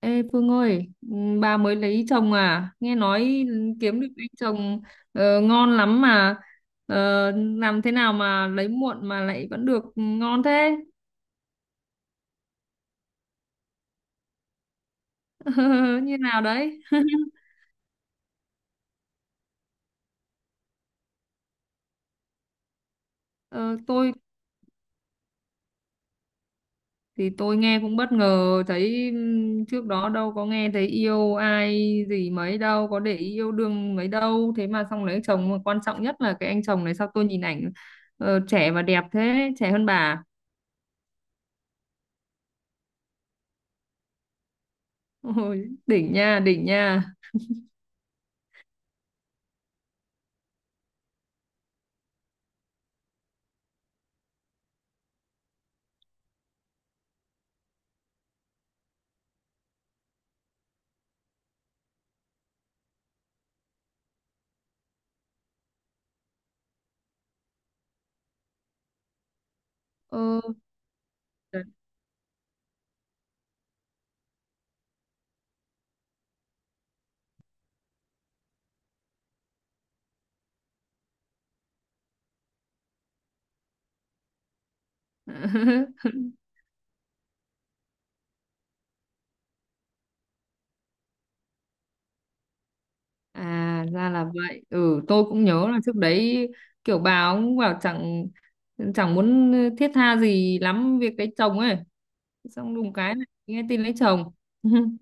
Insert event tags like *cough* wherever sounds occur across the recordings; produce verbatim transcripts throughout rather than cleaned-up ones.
Ê Phương ơi, ừ, bà mới lấy chồng à? Nghe nói kiếm được anh chồng ờ, ngon lắm mà. Ờ, làm thế nào mà lấy muộn mà lại vẫn được ngon thế? *laughs* Như nào đấy? *laughs* Ờ, tôi thì tôi nghe cũng bất ngờ thấy ừm, trước đó đâu có nghe thấy yêu ai gì mấy đâu, có để ý yêu đương mấy đâu, thế mà xong lấy chồng mà quan trọng nhất là cái anh chồng này sao tôi nhìn ảnh ờ, trẻ và đẹp thế, trẻ hơn bà. *laughs* Ôi, đỉnh nha, đỉnh nha. Ờ. *laughs* À ra là vậy. Ừ, tôi cũng nhớ là trước đấy kiểu bà cũng bảo chẳng chẳng muốn thiết tha gì lắm việc lấy chồng ấy. Xong đùng cái này nghe tin lấy chồng. *laughs*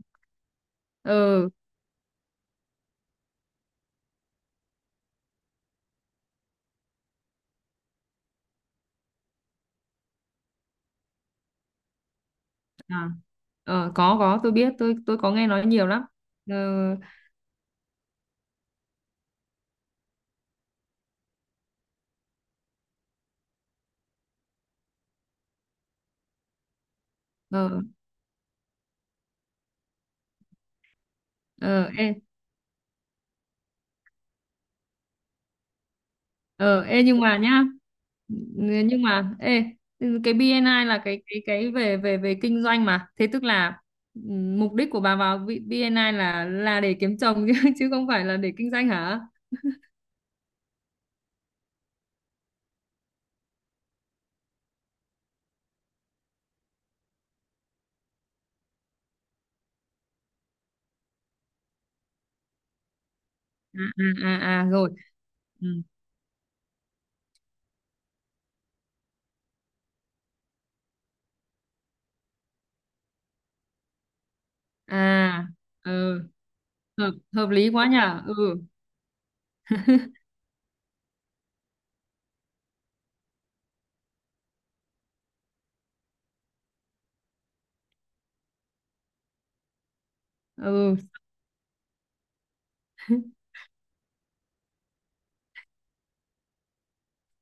Ừ. À. Ờ, có có tôi biết, tôi tôi có nghe nói nhiều lắm. Ờ ờ ờ, ê. Ờ, ê nhưng mà nhá, nhưng mà ê cái bê en i là cái cái cái về về về kinh doanh mà. Thế tức là ừm, mục đích của bà vào B- bê en i là là để kiếm chồng *laughs* chứ chứ không phải là để kinh doanh hả? À à à, à rồi. Ừ. À ừ, hợp hợp lý quá nhở. Ừ, ừ.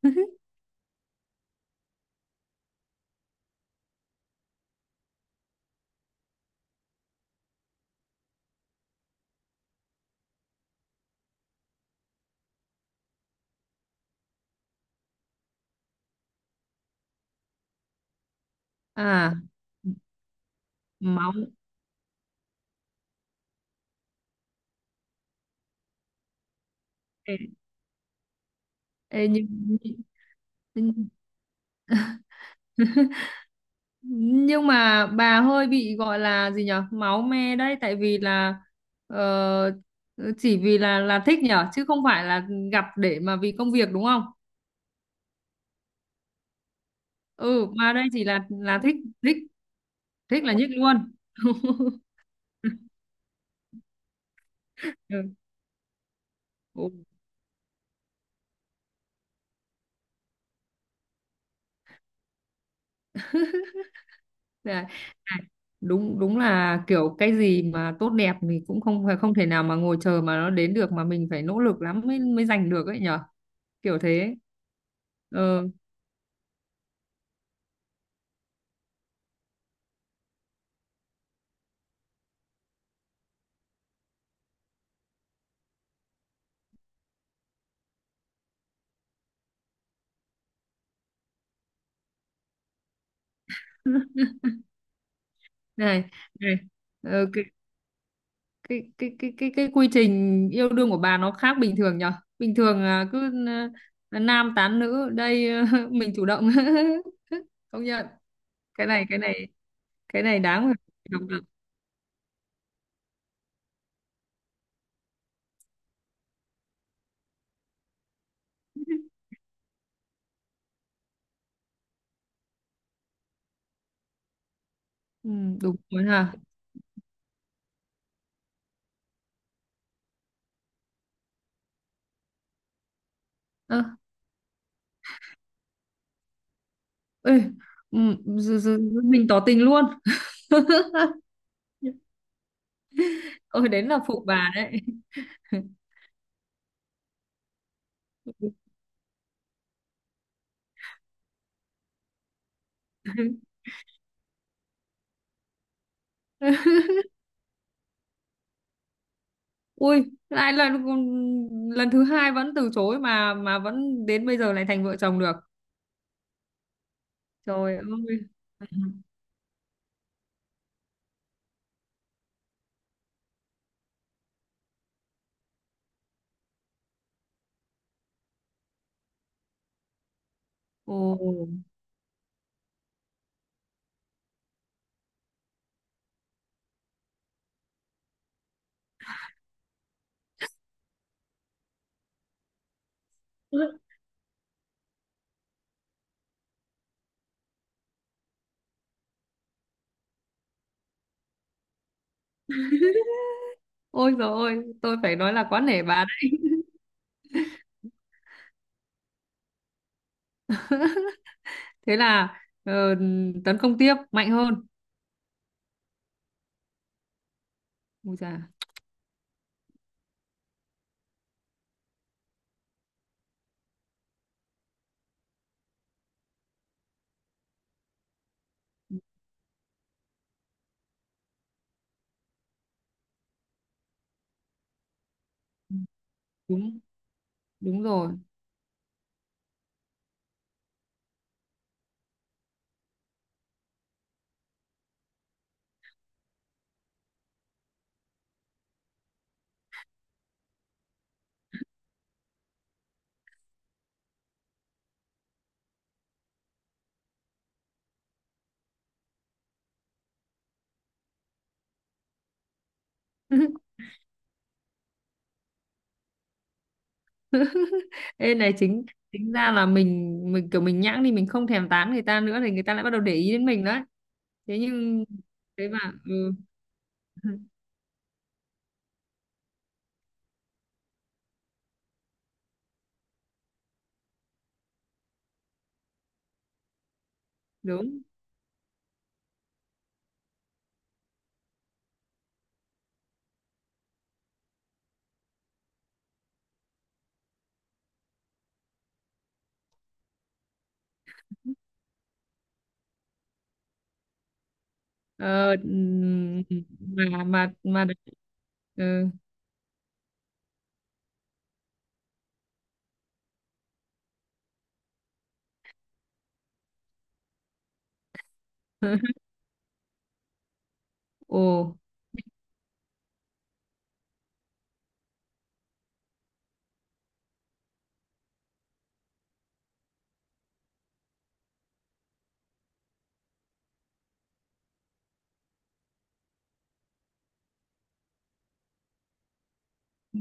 *laughs* À máu. Ê, ê nhưng nhưng mà bà hơi bị gọi là gì nhở, máu me đấy, tại vì là ờ, chỉ vì là là thích nhở, chứ không phải là gặp để mà vì công việc, đúng không? Ừ mà đây chỉ là là thích, thích thích là nhất luôn. *laughs* Ừ. Ừ. Dạ. À, đúng đúng là kiểu cái gì mà tốt đẹp thì cũng không phải không thể nào mà ngồi chờ mà nó đến được, mà mình phải nỗ lực lắm mới mới giành được ấy nhở, kiểu thế. Ừ. Này này, ờ, cái, cái cái cái cái cái quy trình yêu đương của bà nó khác bình thường nhở. Bình thường à, cứ à, nam tán nữ đây à, *laughs* mình chủ động. *laughs* Công nhận cái này, cái này cái này đáng phải đồng động. Ừ, đúng rồi hả. Ơ, ê, ừ, giờ- giờ- giờ mình tỏ tình luôn. *laughs* Ôi đến là phụ bà đấy. *laughs* Ui lại là lần thứ hai vẫn từ chối mà mà vẫn đến bây giờ lại thành vợ chồng được. Trời ơi. Ồ, ôi rồi ôi, tôi phải nói là quá nể bà đấy. Thế là ờ, tấn công tiếp mạnh hơn. Ôi dạ, đúng, đúng rồi. *laughs* Ê này chính, chính ra là mình mình kiểu mình nhãng thì mình không thèm tán người ta nữa thì người ta lại bắt đầu để ý đến mình đấy. Thế nhưng, thế mà, ừ. *laughs* Đúng. Ờ, ừm, mà mà mà ừ. *laughs* Ồ.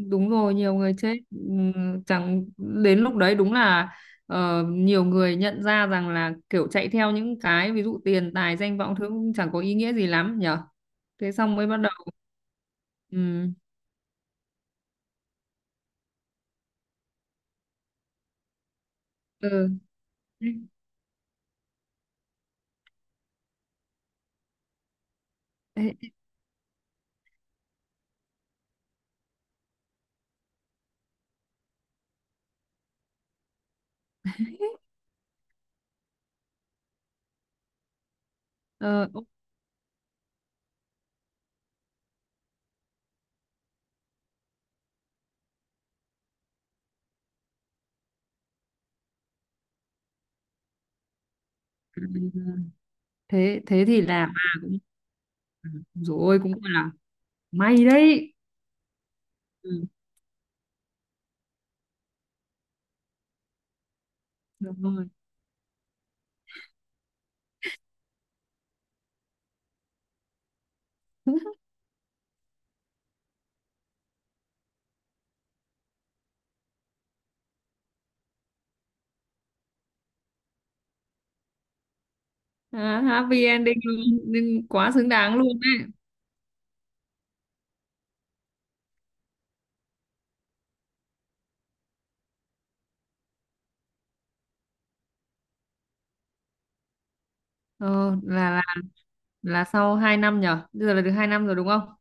Đúng rồi, nhiều người chết. Ừm, Chẳng đến lúc đấy đúng là ờ, nhiều người nhận ra rằng là kiểu chạy theo những cái ví dụ tiền tài danh vọng thứ cũng chẳng có ý nghĩa gì lắm nhở. Thế xong mới bắt đầu ừm, ừ. Thế, ờ, ốc- thế thế thì là bà cũng rồi, ôi cũng gọi là may đấy. Ừ, đúng rồi. *laughs* À, happy ending luôn, nhưng quá xứng đáng luôn đấy. Ờ, là là là sau hai năm nhở. Bây giờ là được hai năm rồi đúng không?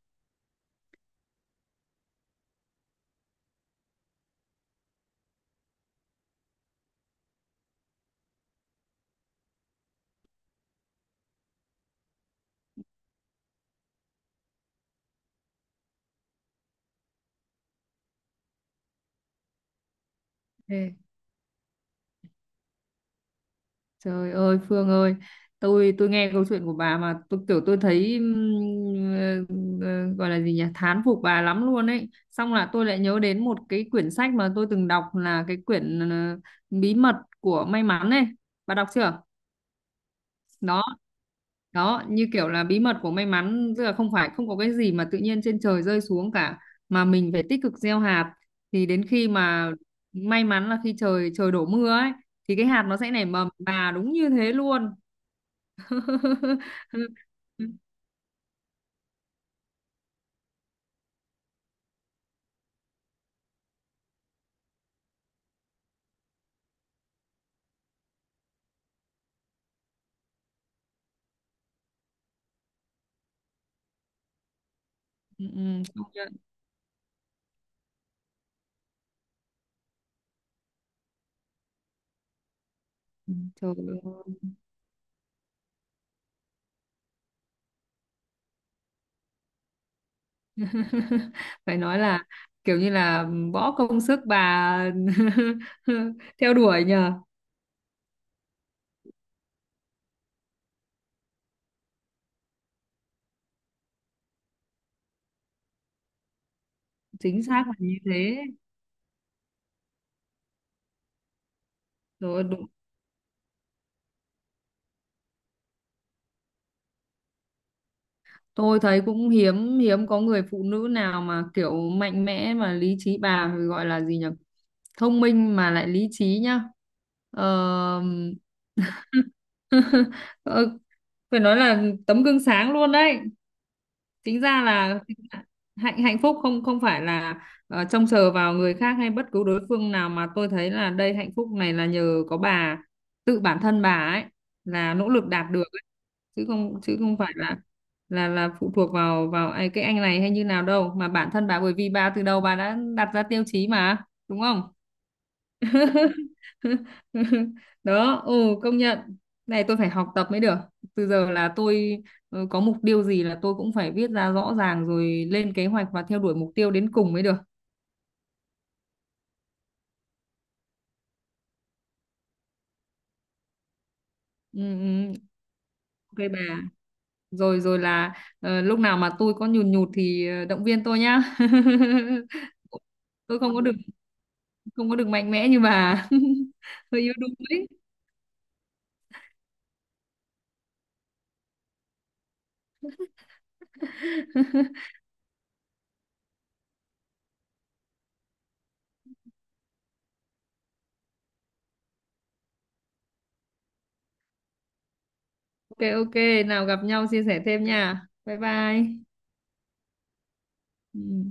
Ê, trời ơi Phương ơi, tôi tôi nghe câu chuyện của bà mà tôi kiểu tôi thấy ừm, ờ, ờ, gọi là gì nhỉ, thán phục bà lắm luôn ấy, xong là tôi lại nhớ đến một cái quyển sách mà tôi từng đọc là cái quyển ờ, bí mật của may mắn ấy, bà đọc chưa? Đó đó, như kiểu là bí mật của may mắn tức là không phải không có cái gì mà tự nhiên trên trời rơi xuống cả, mà mình phải tích cực gieo hạt, thì đến khi mà may mắn là khi trời trời đổ mưa ấy, thì cái hạt nó sẽ nảy mầm. Bà, đúng như thế luôn. *laughs* Ừ, ừ, ừ, công nhận. Ừ, trời ơi. *laughs* Phải nói là kiểu như là bỏ công sức bà *laughs* theo đuổi nhờ. Chính xác là như thế, rồi đúng. Tôi thấy cũng hiếm, hiếm có người phụ nữ nào mà kiểu mạnh mẽ mà lý trí, bà gọi là gì nhỉ, thông minh mà lại lý trí nhá. Ờ. *laughs* Ờ, phải nói là tấm gương sáng luôn đấy. Tính ra là hạnh, hạnh phúc không, không phải là ờ, trông chờ vào người khác hay bất cứ đối phương nào, mà tôi thấy là đây hạnh phúc này là nhờ có bà, tự bản thân bà ấy là nỗ lực đạt được ấy. Chứ không, chứ không phải là là là phụ thuộc vào vào ai- cái anh này hay như nào đâu, mà bản thân bà, bởi vì bà từ đầu bà đã đặt ra tiêu chí mà, đúng không? *laughs* Đó, ừ, công nhận. Này tôi phải học tập mới được, từ giờ là tôi, ừ, có mục tiêu gì là tôi cũng phải viết ra rõ ràng rồi lên kế hoạch và theo đuổi mục tiêu đến cùng mới được. Ừ, ừ, ừ. OK bà. Rồi rồi là ờ, lúc nào mà tôi có nhùn nhụt thì ờ, động viên tôi nhá, *laughs* tôi không có được, không có được mạnh mẽ như bà. *laughs* Hơi yếu đuối. *laughs* OK OK, nào gặp nhau chia sẻ thêm nha, bye bye. Ừ.